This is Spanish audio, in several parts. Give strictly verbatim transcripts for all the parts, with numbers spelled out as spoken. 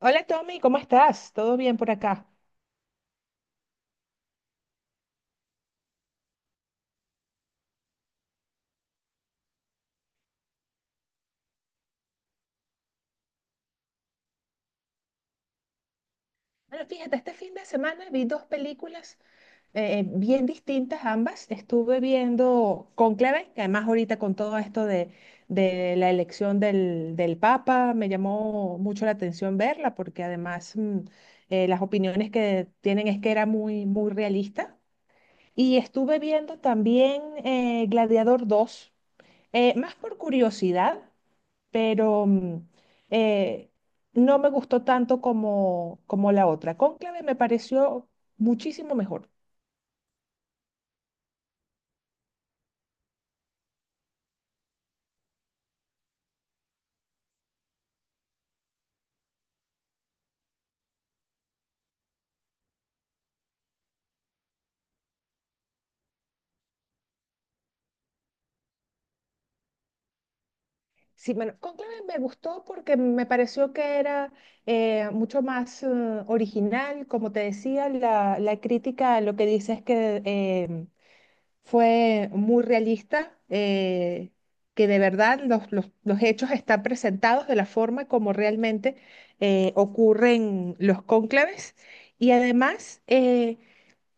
Hola Tommy, ¿cómo estás? ¿Todo bien por acá? Bueno, fíjate, este fin de semana vi dos películas eh, bien distintas ambas. Estuve viendo Cónclave, que además ahorita con todo esto de, de la elección del, del Papa, me llamó mucho la atención verla, porque además mm, eh, las opiniones que tienen es que era muy, muy realista. Y estuve viendo también eh, Gladiador dos, eh, más por curiosidad, pero mm, eh, no me gustó tanto como, como la otra. Cónclave me pareció muchísimo mejor. Sí, bueno, Cónclave me gustó porque me pareció que era eh, mucho más eh, original, como te decía, la, la crítica lo que dice es que eh, fue muy realista, eh, que de verdad los, los- los hechos están presentados de la forma como realmente eh, ocurren los cónclaves. Y además, eh,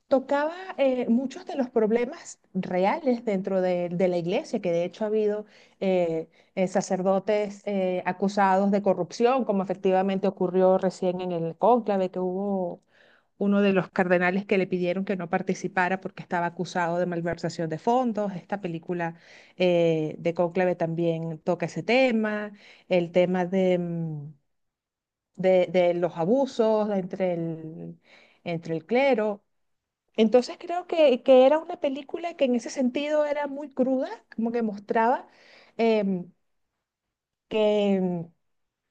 tocaba eh, muchos de los problemas reales dentro de, de la iglesia, que de hecho ha habido eh, eh, sacerdotes eh, acusados de corrupción, como efectivamente ocurrió recién en el cónclave, que hubo uno de los cardenales que le pidieron que no participara porque estaba acusado de malversación de fondos. Esta película eh, de cónclave también toca ese tema, el tema de, mm, de de los abusos entre el entre el clero. Entonces creo que, que era una película que en ese sentido era muy cruda, como que mostraba em, que em,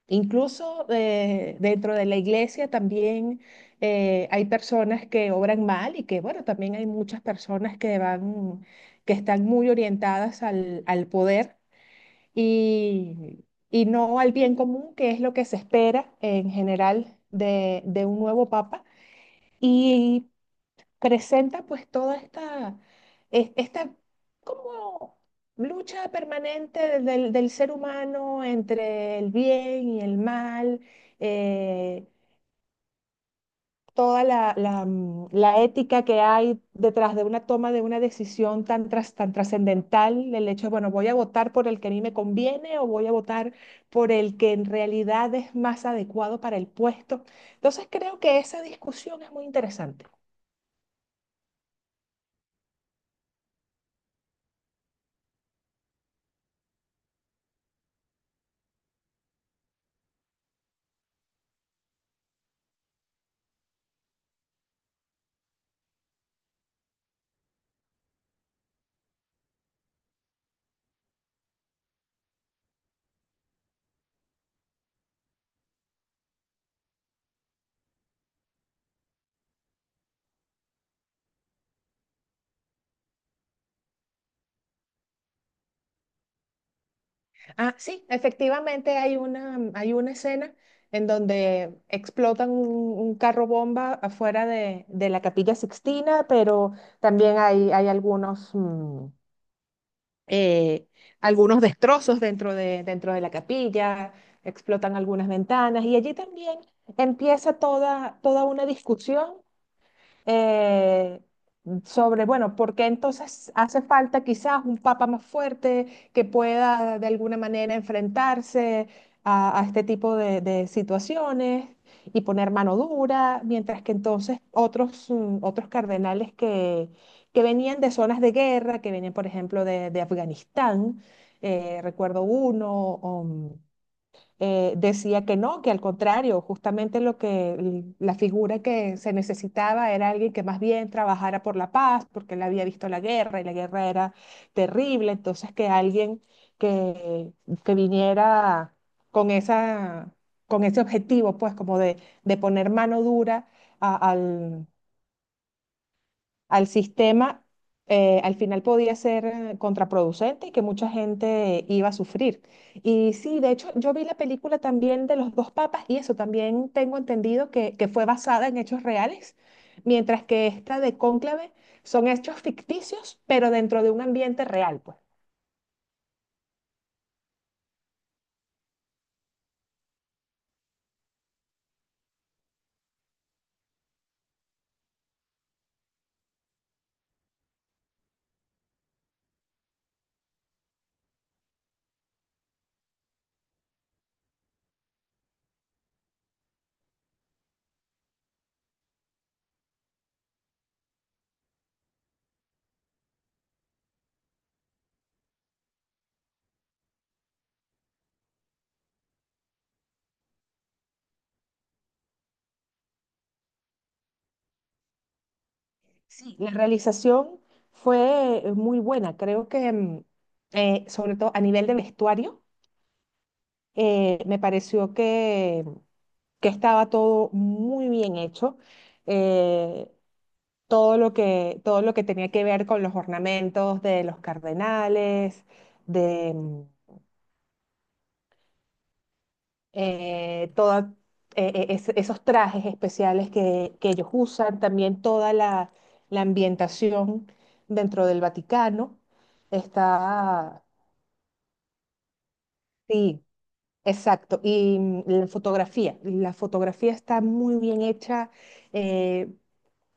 incluso eh, dentro de la iglesia también eh, hay personas que obran mal y que bueno, también hay muchas personas que van, que están muy orientadas al, al poder y, y no al bien común, que es lo que se espera en general de, de un nuevo papa. Y presenta pues toda esta, es- esta como lucha permanente del, del- del ser humano entre el bien y el mal, eh, toda la, la, mm, la ética que hay detrás de una toma de una decisión tan, tras- tan trascendental, el hecho de, bueno, voy a votar por el que a mí me conviene o voy a votar por el que en realidad es más adecuado para el puesto. Entonces creo que esa discusión es muy interesante. Ah, sí, efectivamente hay una, mm, hay una escena en donde explotan un, un carro bomba afuera de, de la Capilla Sixtina, pero también hay, hay algunos, mm, eh, algunos destrozos dentro de, dentro de la capilla, explotan algunas ventanas y allí también empieza toda, toda una discusión eh, sobre, bueno, por qué entonces hace falta quizás un papa más fuerte que pueda de alguna manera enfrentarse a, a este tipo de, de situaciones y poner mano dura, mientras que entonces otros, mm, otros cardenales que, que venían de zonas de guerra, que venían, por ejemplo, de, de Afganistán, eh, recuerdo uno, eh, decía que no, que al contrario, justamente lo que la figura que se necesitaba era alguien que más bien trabajara por la paz, porque él había visto la guerra y la guerra era terrible, entonces que alguien que, que viniera con esa, con ese objetivo, pues como de, de poner mano dura a- al al sistema, eh, al final podía ser eh, contraproducente y que mucha gente iba a sufrir. Y sí, de hecho, yo vi la película también de los dos papas y eso también tengo entendido que, que fue basada en hechos reales, mientras que esta de Cónclave son hechos ficticios, pero dentro de un ambiente real, pues. Sí, la realización fue eh, muy buena, creo que mm, eh, sobre todo a nivel de vestuario eh, me pareció que, que estaba todo muy bien hecho. eh, Todo lo que, todo lo que tenía que ver con los ornamentos de los cardenales, de mm, eh, toda- eh, eh, es- esos trajes especiales que, que ellos usan, también toda la, la ambientación dentro del Vaticano. Está, sí, exacto, y mm, la fotografía, la fotografía está muy bien hecha, eh,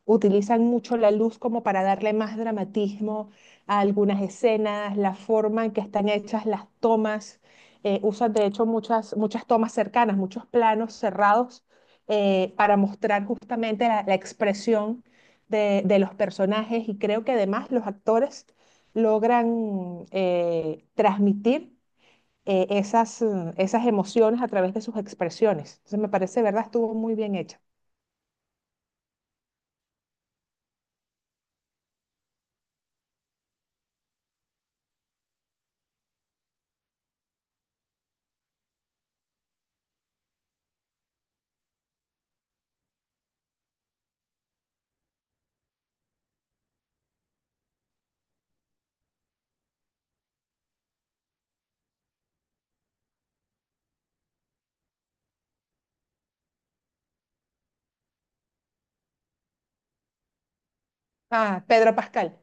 utilizan mucho la luz como para darle más dramatismo a algunas escenas, la forma en que están hechas las tomas, eh, usan de hecho muchas, muchas tomas cercanas, muchos planos cerrados eh, para mostrar justamente la, la expresión de, de los personajes y creo que además los actores logran eh, transmitir eh, esas, mm, esas emociones a través de sus expresiones. Entonces me parece, ¿verdad? Estuvo muy bien hecha. Ah, Pedro Pascal.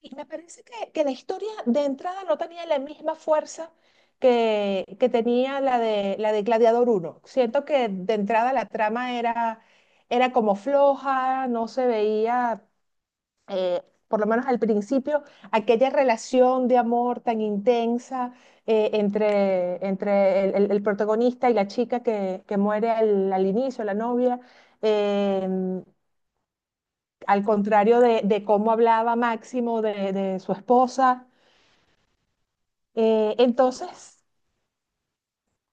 Y me parece que, que la historia de entrada no tenía la misma fuerza que, que tenía la de, la de Gladiador uno. Siento que de entrada la trama era, era como floja, no se veía eh, por lo menos al principio, aquella relación de amor tan intensa eh, entre, entre el, el- el protagonista y la chica que, que muere al, al inicio, la novia, eh, al contrario de, de cómo hablaba Máximo de, de su esposa. Eh, entonces,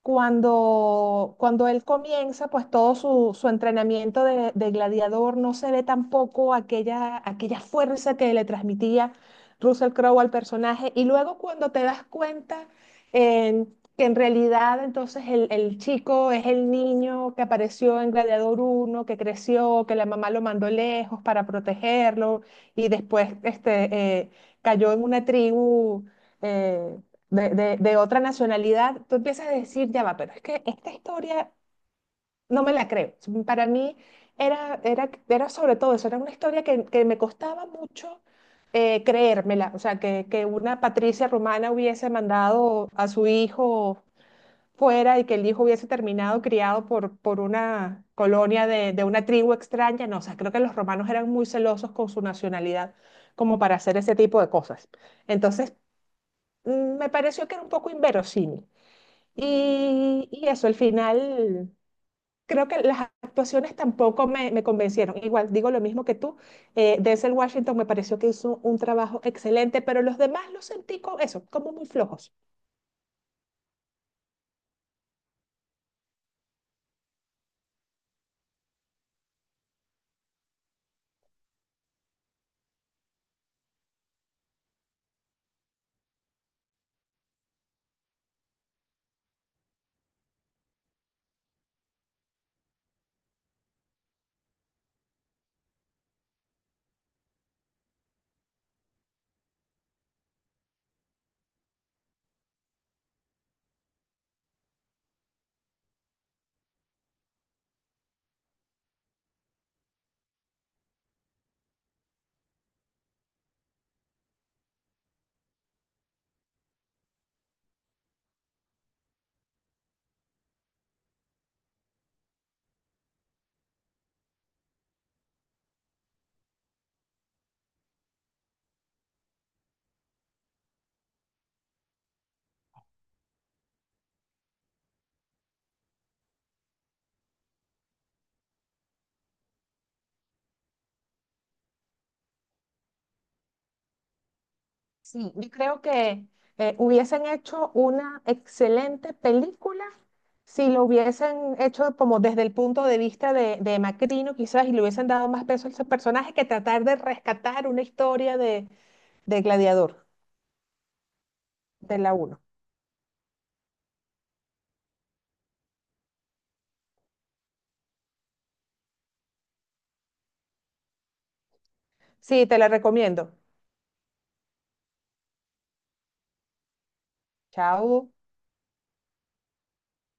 cuando, cuando él comienza, pues todo su, su entrenamiento de, de gladiador no se ve tampoco aquella, aquella fuerza que le transmitía Russell Crowe al personaje. Y luego cuando te das cuenta eh, que en realidad entonces el, el chico es el niño que apareció en Gladiador uno, que creció, que la mamá lo mandó lejos para protegerlo y después este, eh, cayó en una tribu. eh, de, de- de otra nacionalidad, tú empiezas a decir, ya va, pero es que esta historia no me la creo. Para mí era, era, era sobre todo eso, era una historia que, que me costaba mucho eh, creérmela, o sea, que, que una Patricia romana hubiese mandado a su hijo fuera y que el hijo hubiese terminado criado por, por una colonia de, de una tribu extraña, no, o sea, creo que los romanos eran muy celosos con su nacionalidad como para hacer ese tipo de cosas. Entonces, mm, me pareció que era un poco inverosímil. Y, y eso, al final, creo que las actuaciones tampoco me, me convencieron. Igual digo lo mismo que tú. eh, Denzel Washington me pareció que hizo un trabajo excelente, pero los demás los sentí como eso, como muy flojos. Sí, yo creo que eh, hubiesen hecho una excelente película si lo hubiesen hecho como desde el punto de vista de, de Macrino, quizás, y le hubiesen dado más peso a ese personaje que tratar de rescatar una historia de, de Gladiador, de la uno. Sí, te la recomiendo. Chao.